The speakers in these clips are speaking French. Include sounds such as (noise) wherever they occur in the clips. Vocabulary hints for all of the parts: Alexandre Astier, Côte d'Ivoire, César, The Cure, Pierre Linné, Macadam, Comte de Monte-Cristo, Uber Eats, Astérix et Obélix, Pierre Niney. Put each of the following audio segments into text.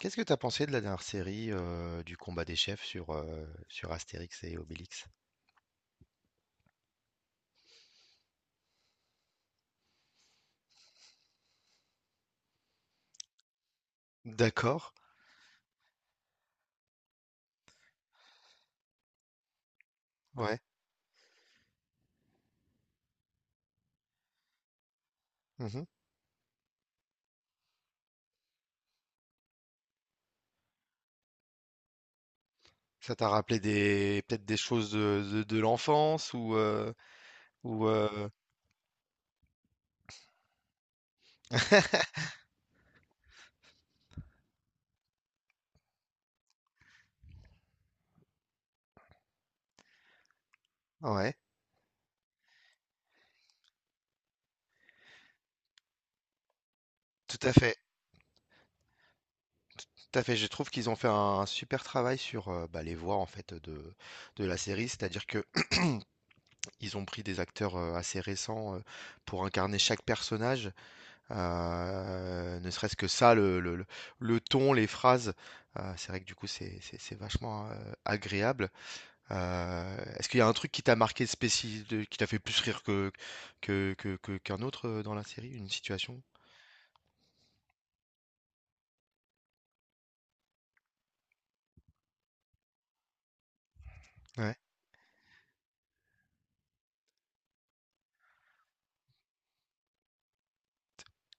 Qu'est-ce que t'as pensé de la dernière série du combat des chefs sur Astérix et Obélix? D'accord, ouais. Mhm. Ça t'a rappelé des peut-être des choses de l'enfance ou ouais, tout à fait, tout à fait. Je trouve qu'ils ont fait un super travail sur les voix en fait de la série, c'est-à-dire que (clears throat) ils ont pris des acteurs assez récents pour incarner chaque personnage. Ne serait-ce que ça, le ton, les phrases, c'est vrai que du coup c'est vachement agréable. Est-ce qu'il y a un truc qui t'a marqué spécial, qui t'a fait plus rire qu'un autre dans la série, une situation? Ouais,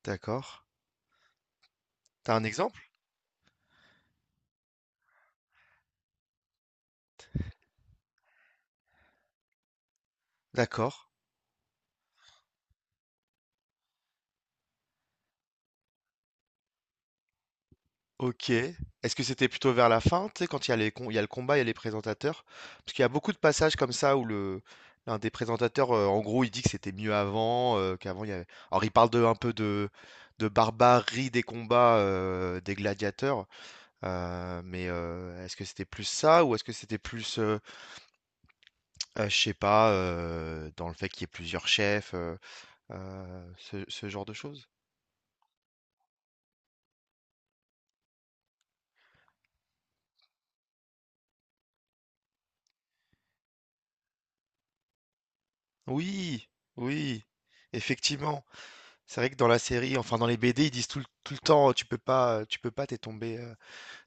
d'accord. T'as un exemple? D'accord. OK. Est-ce que c'était plutôt vers la fin, tu sais, quand il y a les com il y a le combat, il y a les présentateurs? Parce qu'il y a beaucoup de passages comme ça où le l'un des présentateurs, en gros, il dit que c'était mieux avant, qu'avant il y avait alors il parle de un peu de barbarie des combats, des gladiateurs, est-ce que c'était plus ça ou est-ce que c'était plus, je sais pas, dans le fait qu'il y ait plusieurs chefs, ce ce genre de choses? Oui! Oui! Effectivement. C'est vrai que dans la série, enfin dans les BD, ils disent tout le temps, tu peux pas,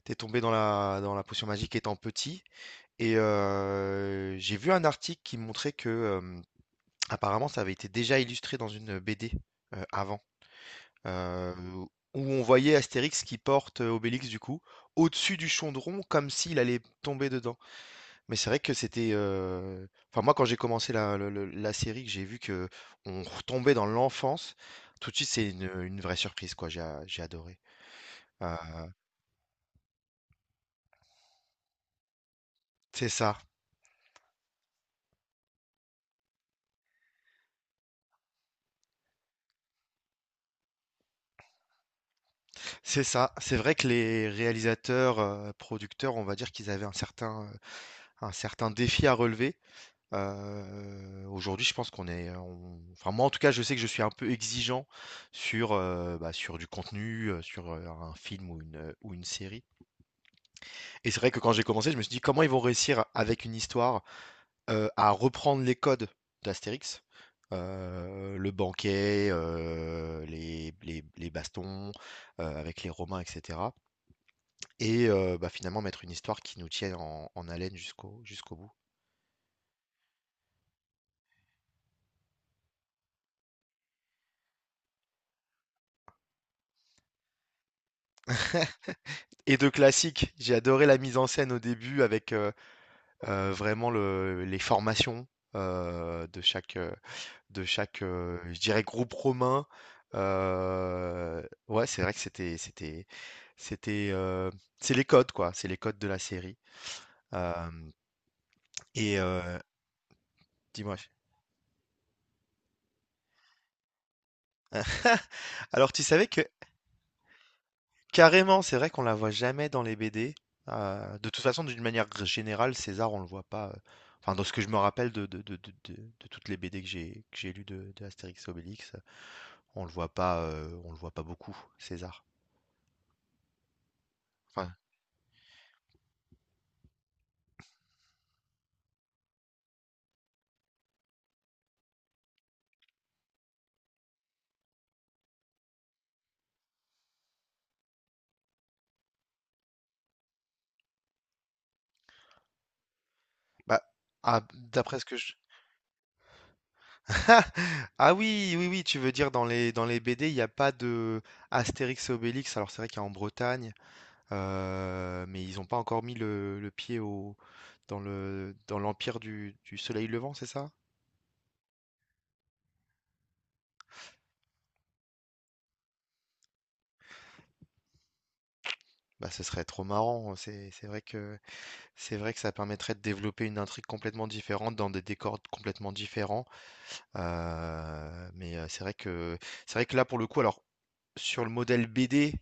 t'es tombé dans dans la potion magique étant petit. Et j'ai vu un article qui montrait que apparemment, ça avait été déjà illustré dans une BD avant, euh, où on voyait Astérix qui porte Obélix du coup au-dessus du chaudron comme s'il allait tomber dedans. Mais c'est vrai que c'était. Enfin, moi, quand j'ai commencé la série, que j'ai vu que on retombait dans l'enfance, tout de suite, c'est une vraie surprise, quoi. J'ai adoré. Euh, c'est ça, c'est ça. C'est vrai que les réalisateurs, producteurs, on va dire qu'ils avaient un certain défi à relever. Aujourd'hui, je pense enfin, moi, en tout cas, je sais que je suis un peu exigeant sur du contenu, sur un film ou ou une série. Et c'est vrai que quand j'ai commencé, je me suis dit comment ils vont réussir avec une histoire à reprendre les codes d'Astérix, le banquet, les bastons avec les Romains, etc. Et finalement mettre une histoire qui nous tienne en haleine jusqu'au bout. Et de classique, j'ai adoré la mise en scène au début avec vraiment les formations euh, de chaque, euh, de chaque, je dirais groupe romain. Ouais, c'est vrai que c'était, heu, c'est les codes quoi, c'est les codes de la série. Hem et heu, dis-moi? (laughs) Alors tu savais que carrément, c'est vrai qu'on la voit jamais dans les BD. De toute façon, d'une manière gr générale, César, on le voit pas, enfin dans ce que je me rappelle de toutes les BD que j'ai lues de Astérix et Obélix, on le voit pas, on le voit pas beaucoup, César. Enfin, bah, ah, d'après ce que je (laughs) ah oui, oui, oui, tu veux dire dans les BD, il n'y a pas de Astérix et Obélix. Alors c'est vrai qu'il y a en Bretagne, mais ils n'ont pas encore mis le pied au dans le dans l'empire du Soleil Levant, c'est ça? Bah ce serait trop marrant. C'est vrai que ça permettrait de développer une intrigue complètement différente dans des décors complètement différents. C'est vrai que là pour le coup, alors sur le modèle BD.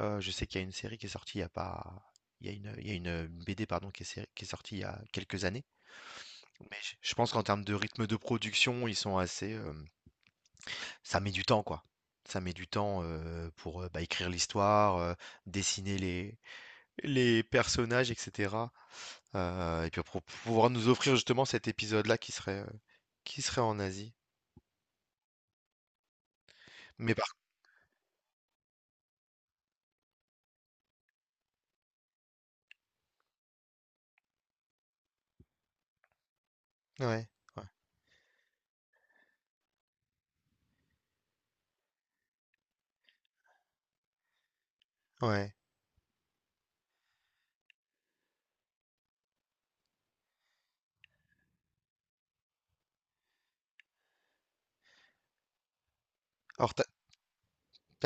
Je sais qu'il y a une série qui est sortie il y a pas il y a une il y a une BD pardon qui est sé qui est sortie il y a quelques années, mais je pense qu'en termes de rythme de production, ils sont assez, hem, ça met du temps quoi. Ça met du temps, écrire l'histoire, dessiner les personnages et cetera, et puis pour pouvoir nous offrir justement cet épisode-là qui serait en Asie. Mais par ouais, ouais, ouais. Alors t'as as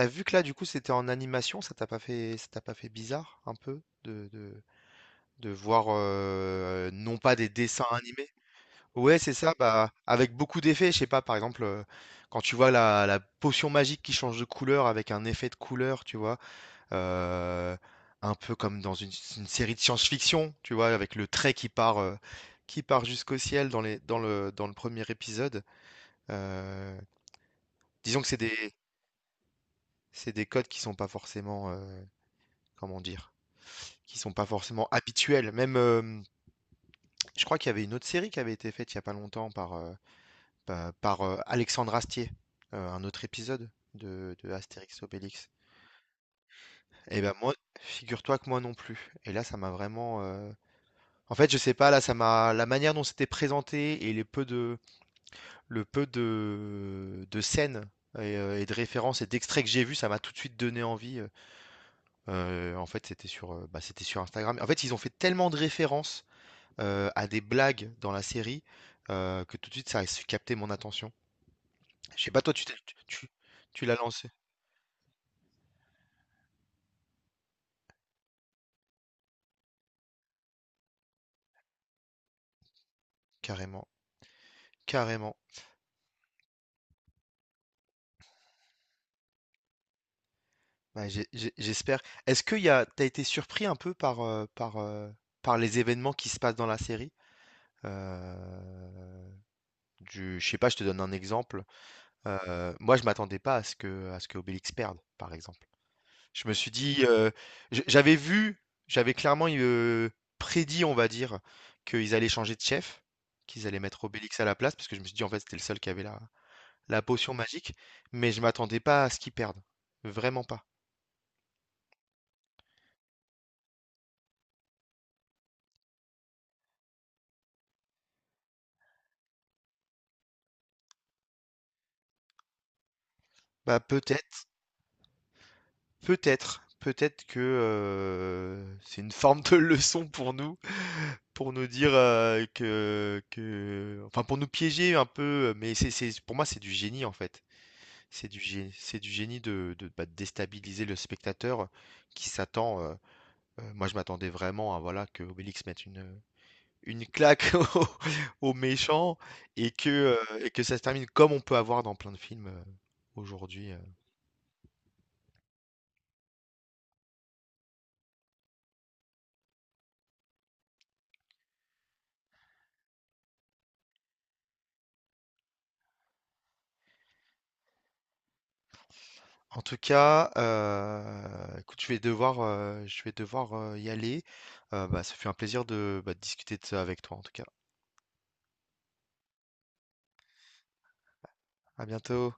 vu que là du coup c'était en animation, ça t'a pas fait bizarre un peu de voir, non pas des dessins animés ouais, c'est ça, bah, avec beaucoup d'effets, je sais pas, par exemple, quand tu vois la potion magique qui change de couleur avec un effet de couleur, tu vois? Heu, un peu comme dans une série de science-fiction, tu vois? Avec le trait qui part jusqu'au ciel dans les dans le premier épisode. Heu, Disons que c'est des codes qui sont pas forcément, comment dire? Qui sont pas forcément habituels. Même, hem, je crois qu'il y avait une autre série qui avait été faite il y a pas longtemps par, Alexandre Astier, un autre épisode de Astérix Obélix. Et ben moi, figure-toi que moi non plus. Et là, ça m'a vraiment. En fait, je sais pas, là, ça m'a. la manière dont c'était présenté et le peu de scènes et de références et d'extraits que j'ai vus, ça m'a tout de suite donné envie. En fait, c'était sur Instagram. En fait, ils ont fait tellement de références à des blagues dans la série que tout de suite, ça a su capter mon attention. Je sais pas, toi, tu t'es- tu- tu l'as lancé. Carrément, carrément. Bah, j'espère. Est-ce que t'as été surpris un peu par les événements qui se passent dans la série? Euh, je sais pas, je te donne un exemple. Moi, je m'attendais pas à ce que, à ce que Obélix perde, par exemple. Je me suis dit, j- J'avais vu, j'avais clairement prédit, on va dire, qu'ils allaient changer de chef, qu'ils allaient mettre Obélix à la place, parce que je me suis dit, en fait, c'était le seul qui avait la potion magique, mais je m'attendais pas à ce qu'il perde. Vraiment pas. Bah, peut-être que c'est une forme de (laughs) leçon pour nous dire enfin pour nous piéger un peu. Mais pour moi, c'est du génie en fait. C'est du génie de déstabiliser le spectateur qui s'attend. Moi, je m'attendais vraiment à voilà que Obélix mette une claque (laughs) aux aux méchants et et que ça se termine comme on peut avoir dans plein de films, aujourd'hui. En tout cas, écoute, je vais devoir, y aller. Ça fait un plaisir de, bah, de discuter de ça avec toi, en tout cas. À bientôt.